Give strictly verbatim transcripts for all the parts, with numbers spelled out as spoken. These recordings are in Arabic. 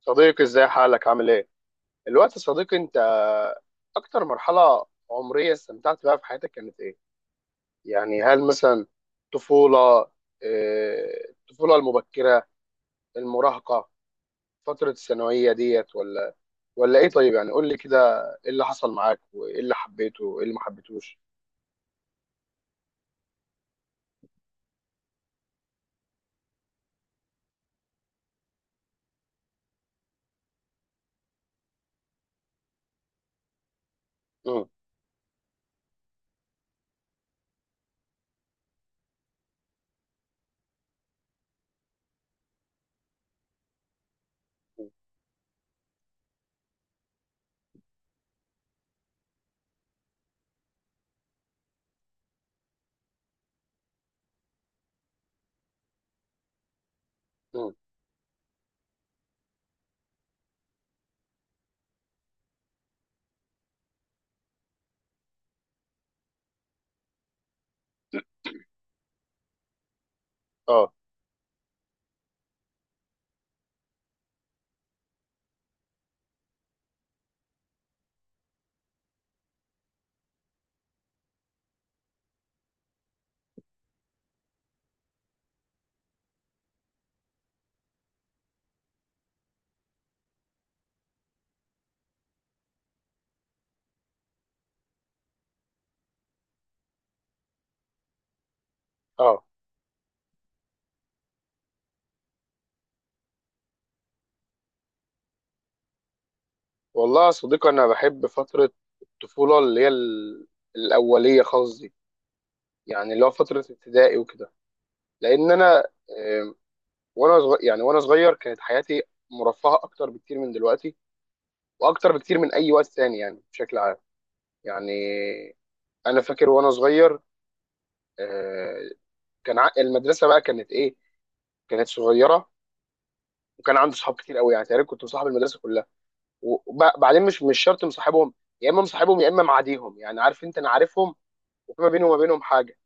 صديقي، ازاي حالك؟ عامل ايه؟ الوقت يا صديقي انت. اكتر مرحلة عمرية استمتعت بها في حياتك كانت ايه؟ يعني هل مثلا طفولة، إيه، الطفولة المبكرة، المراهقة، فترة الثانوية ديت، ولا ولا ايه؟ طيب يعني قول لي كده. ايه اللي حصل معاك وايه اللي حبيته وايه اللي ما حبيتهوش؟ مم، مم، اه، اه، والله يا صديقي انا بحب فترة الطفولة اللي هي ال- الأولية خالص دي، يعني اللي هو فترة ابتدائي وكده. لأن أنا آه، وانا صغير، يعني وانا صغير كانت حياتي مرفهه اكتر بكتير من دلوقتي، واكتر بكتير من اي وقت تاني يعني بشكل عام. يعني انا فاكر وانا صغير، آه، كان ع- المدرسه بقى كانت ايه، كانت صغيره. وكان عندي صحاب كتير قوي، يعني تقريبا كنت مصاحب المدرسه كلها. وبعدين مش مش شرط مصاحبهم، يا اما مصاحبهم يا اما معاديهم، يعني عارف انت، انا عارفهم. وفي ما بيني وما بينهم حاجه،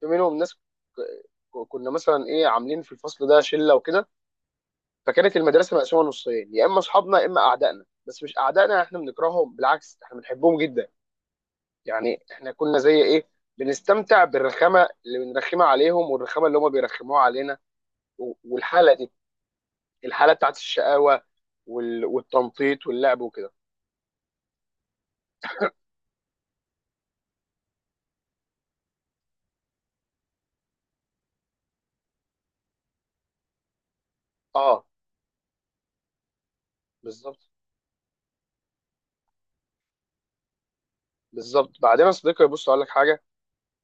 في منهم ناس ك- كنا مثلا ايه عاملين في الفصل ده شله وكده. فكانت المدرسه مقسومه نصين، يا اما اصحابنا يا اما اعدائنا، بس مش اعدائنا احنا بنكرههم، بالعكس احنا بنحبهم جدا. يعني احنا كنا زي ايه، بنستمتع بالرخامه اللي بنرخمها عليهم والرخامه اللي هم بيرخموها علينا. و- والحاله دي، الحاله بتاعت الشقاوه وال- والتنطيط واللعب وكده. اه، بالظبط، بالظبط. بعدين يا صديقي، بص اقول لك حاجه.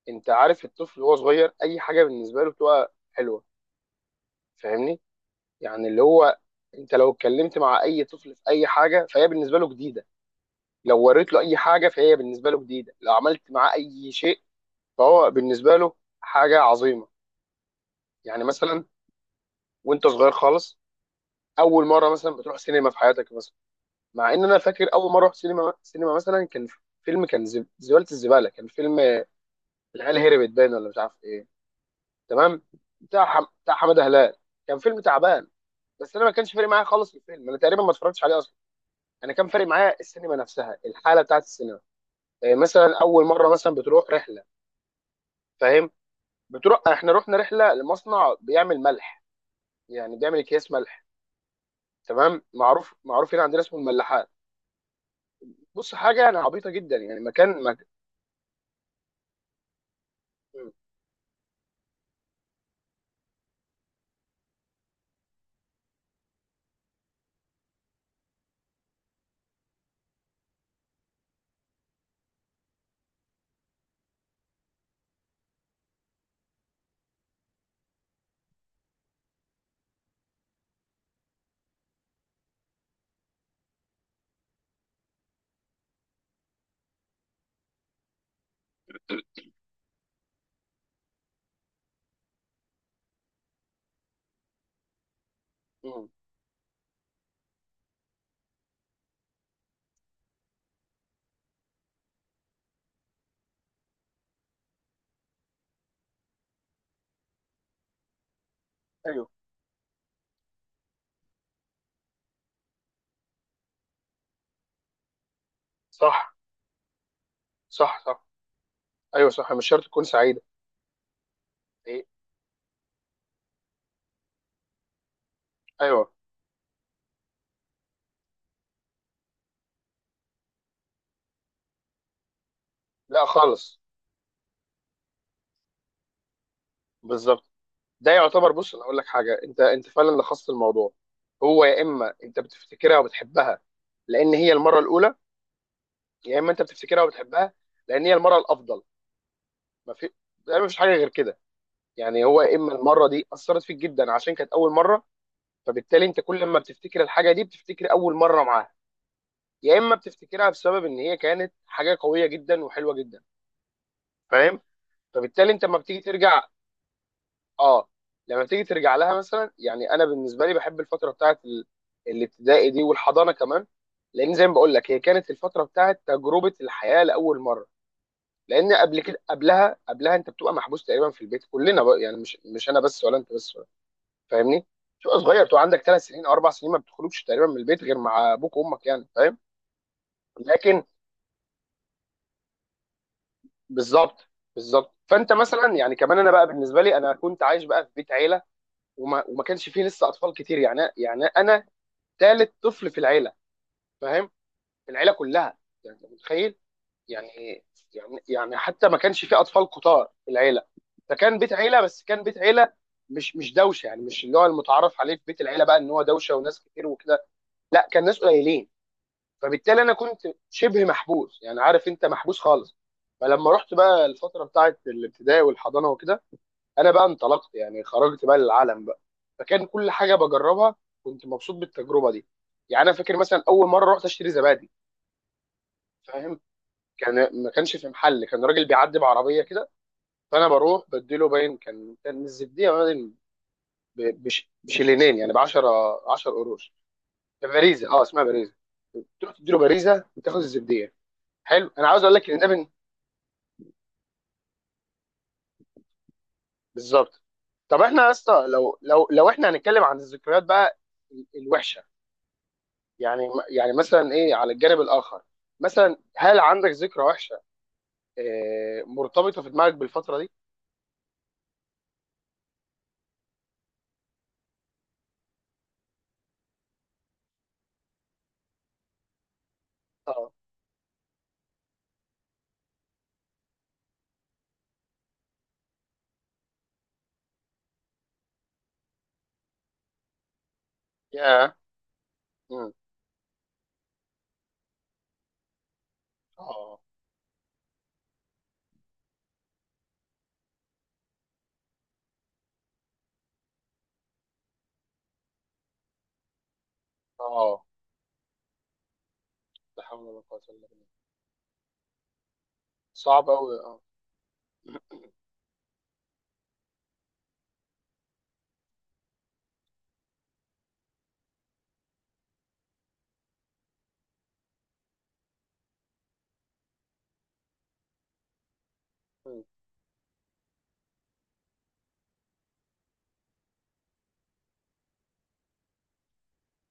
انت عارف الطفل وهو صغير اي حاجه بالنسبه له بتبقى حلوه، فاهمني؟ يعني اللي هو انت لو اتكلمت مع اي طفل في اي حاجه فهي بالنسبه له جديده. لو وريت له اي حاجه فهي بالنسبه له جديده. لو عملت معاه اي شيء فهو بالنسبه له حاجه عظيمه. يعني مثلا وانت صغير خالص، اول مره مثلا بتروح سينما في حياتك مثلا. مع ان انا فاكر اول مره رحت سينما سينما مثلا، كان فيلم، كان زب- زباله، الزباله كان فيلم العيال هربت باين، ولا مش عارف ايه. تمام. بتاع حم... بتاع حماده هلال. كان فيلم تعبان، بس انا ما كانش فارق معايا خالص الفيلم، انا تقريبا ما اتفرجتش عليه اصلا. انا كان فارق معايا السينما نفسها، الحاله بتاعت السينما. إيه، مثلا اول مره مثلا بتروح رحله، فاهم؟ بتروح، احنا رحنا رحله لمصنع بيعمل ملح، يعني بيعمل اكياس ملح. تمام. معروف، معروف هنا عندنا اسمه الملاحات. بص حاجه يعني عبيطه جدا، يعني مكان مك... مم. مم. ايوه، صح، صح، صح، ايوه، صح، مش شرط تكون سعيده. إيه؟ ايوه. لا خالص. بالظبط. ده يعتبر، بص انا اقول لك حاجه، انت انت فعلا لخصت الموضوع. هو يا اما انت بتفتكرها وبتحبها لان هي المره الاولى، يا اما انت بتفتكرها وبتحبها لان هي المره الافضل. ما في، يعني مفيش حاجه غير كده. يعني هو يا اما المره دي اثرت فيك جدا عشان كانت اول مره، فبالتالي انت كل ما بتفتكر الحاجه دي بتفتكر اول مره معاها. يا اما بتفتكرها بسبب ان هي كانت حاجه قويه جدا وحلوه جدا، فاهم؟ فبالتالي انت لما بتيجي ترجع، اه، لما بتيجي ترجع لها مثلا يعني. انا بالنسبه لي بحب الفتره بتاعت ال- الابتدائي دي والحضانه كمان. لان زي ما بقول لك هي كانت الفتره بتاعت تجربه الحياه لاول مره. لان قبل كده، قبلها قبلها انت بتبقى محبوس تقريبا في البيت. كلنا بقى يعني، مش مش انا بس ولا انت بس، فاهمني؟ تبقى صغير، تبقى عندك ثلاث سنين او اربع سنين، ما بتخرجش تقريبا من البيت غير مع ابوك وامك، يعني فاهم. لكن بالظبط، بالظبط. فانت مثلا، يعني كمان انا بقى بالنسبه لي انا كنت عايش بقى في بيت عيله، وما, وما كانش فيه لسه اطفال كتير، يعني يعني انا ثالث طفل في العيله، فاهم. في العيله كلها. يعني أنت متخيل، يعني يعني يعني حتى ما كانش فيه اطفال كتار في العيله. فكان بيت عيله، بس كان بيت عيله مش مش دوشه. يعني مش اللي هو المتعارف عليه في بيت العيله بقى ان هو دوشه وناس كتير وكده، لا كان ناس قليلين. فبالتالي انا كنت شبه محبوس، يعني عارف انت، محبوس خالص. فلما رحت بقى الفتره بتاعه الابتدائي والحضانه وكده، انا بقى انطلقت، يعني خرجت بقى للعالم بقى. فكان كل حاجه بجربها، كنت مبسوط بالتجربه دي. يعني انا فاكر مثلا اول مره رحت اشتري زبادي، فاهم. كان ما كانش في محل، كان راجل بيعدي بعربيه كده، فانا بروح بديله باين، كان كان الزبديه باين ب- بش- بشلينين، يعني ب عشرة، عشرة قروش. كان باريزه، اه اسمها باريزه، تروح تديله باريزه وتاخد الزبديه. حلو. انا عاوز اقول لك ان ده من، بالظبط. طب احنا يا اسطى، لو لو لو احنا هنتكلم عن الذكريات بقى ال- الوحشه، يعني، يعني مثلا ايه على الجانب الاخر، مثلا هل عندك ذكرى وحشه اه مرتبطه في دماغك بالفتره دي؟ اه، يا، مم، اه، اه، لا حول ولا قوه الا بالله. صعب قوي، اه. مم.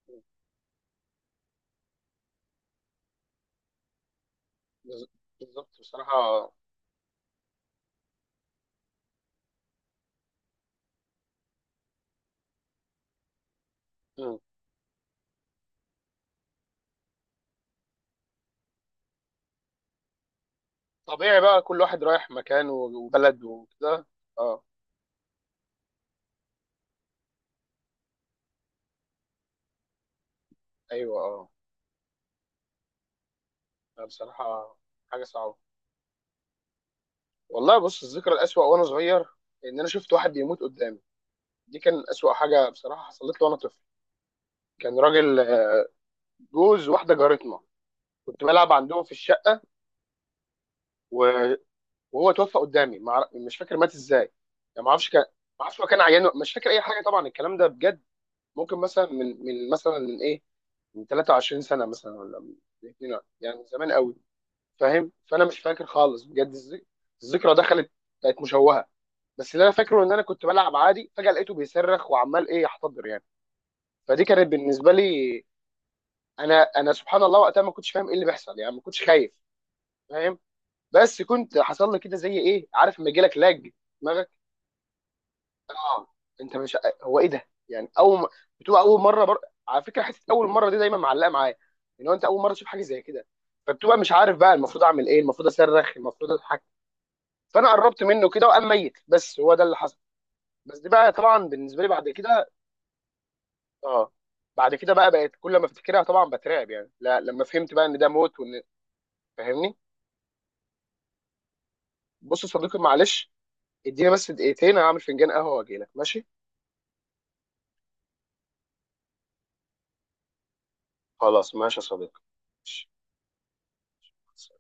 مم. بز- بالظبط. بصراحه. مم. طبيعي بقى، كل واحد رايح مكان و- وبلد وكده. اه. ايوه، اه. لا، بصراحه حاجه صعبه. والله، بص، الذكرى الأسوأ وأنا صغير إن أنا شفت واحد بيموت قدامي. دي كان أسوأ حاجة بصراحة حصلت لي وأنا طفل. كان راجل، آه، جوز واحدة جارتنا، كنت بلعب عندهم في الشقة. و- وهو توفى قدامي. ما أعرف- مش فاكر مات إزاي، يعني ما أعرفش. كان ما أعرفش هو كان عيان و- مش فاكر أي حاجة. طبعا الكلام ده بجد ممكن مثلا من من مثلا من إيه، من 23 سنة مثلا، ولا من سنتين. يعني من زمان قوي، فاهم. فأنا مش فاكر خالص بجد الذك- الذكرى، دخلت بقت مشوهة. بس اللي انا فاكره ان انا كنت بلعب عادي، فجاه لقيته بيصرخ وعمال ايه يحتضر يعني. فدي كانت بالنسبه لي، انا انا سبحان الله وقتها ما كنتش فاهم ايه اللي بيحصل، يعني ما كنتش خايف، فاهم. بس كنت حصل لي كده زي ايه، عارف لما يجي لك لاج في دماغك؟ اه. انت مش، هو ايه ده، يعني اول م- بتبقى اول مره بر... على فكره، حته اول مره دي دايما معلقه معايا، ان هو انت اول مره تشوف حاجه زي كده، فبتبقى مش عارف بقى المفروض اعمل ايه، المفروض اصرخ، المفروض اضحك. فانا قربت منه كده وقام ميت، بس هو ده اللي حصل. بس دي بقى طبعا بالنسبه لي بعد كده، اه، بعد كده بقى بقت كل ما افتكرها طبعا بترعب، يعني لا لما فهمت بقى ان ده موت وان، فاهمني. بص يا صديقي، معلش، اديني بس دقيقتين هعمل فنجان قهوه واجي لك، ماشي. خلاص، ماشي يا صديقي. ماشي.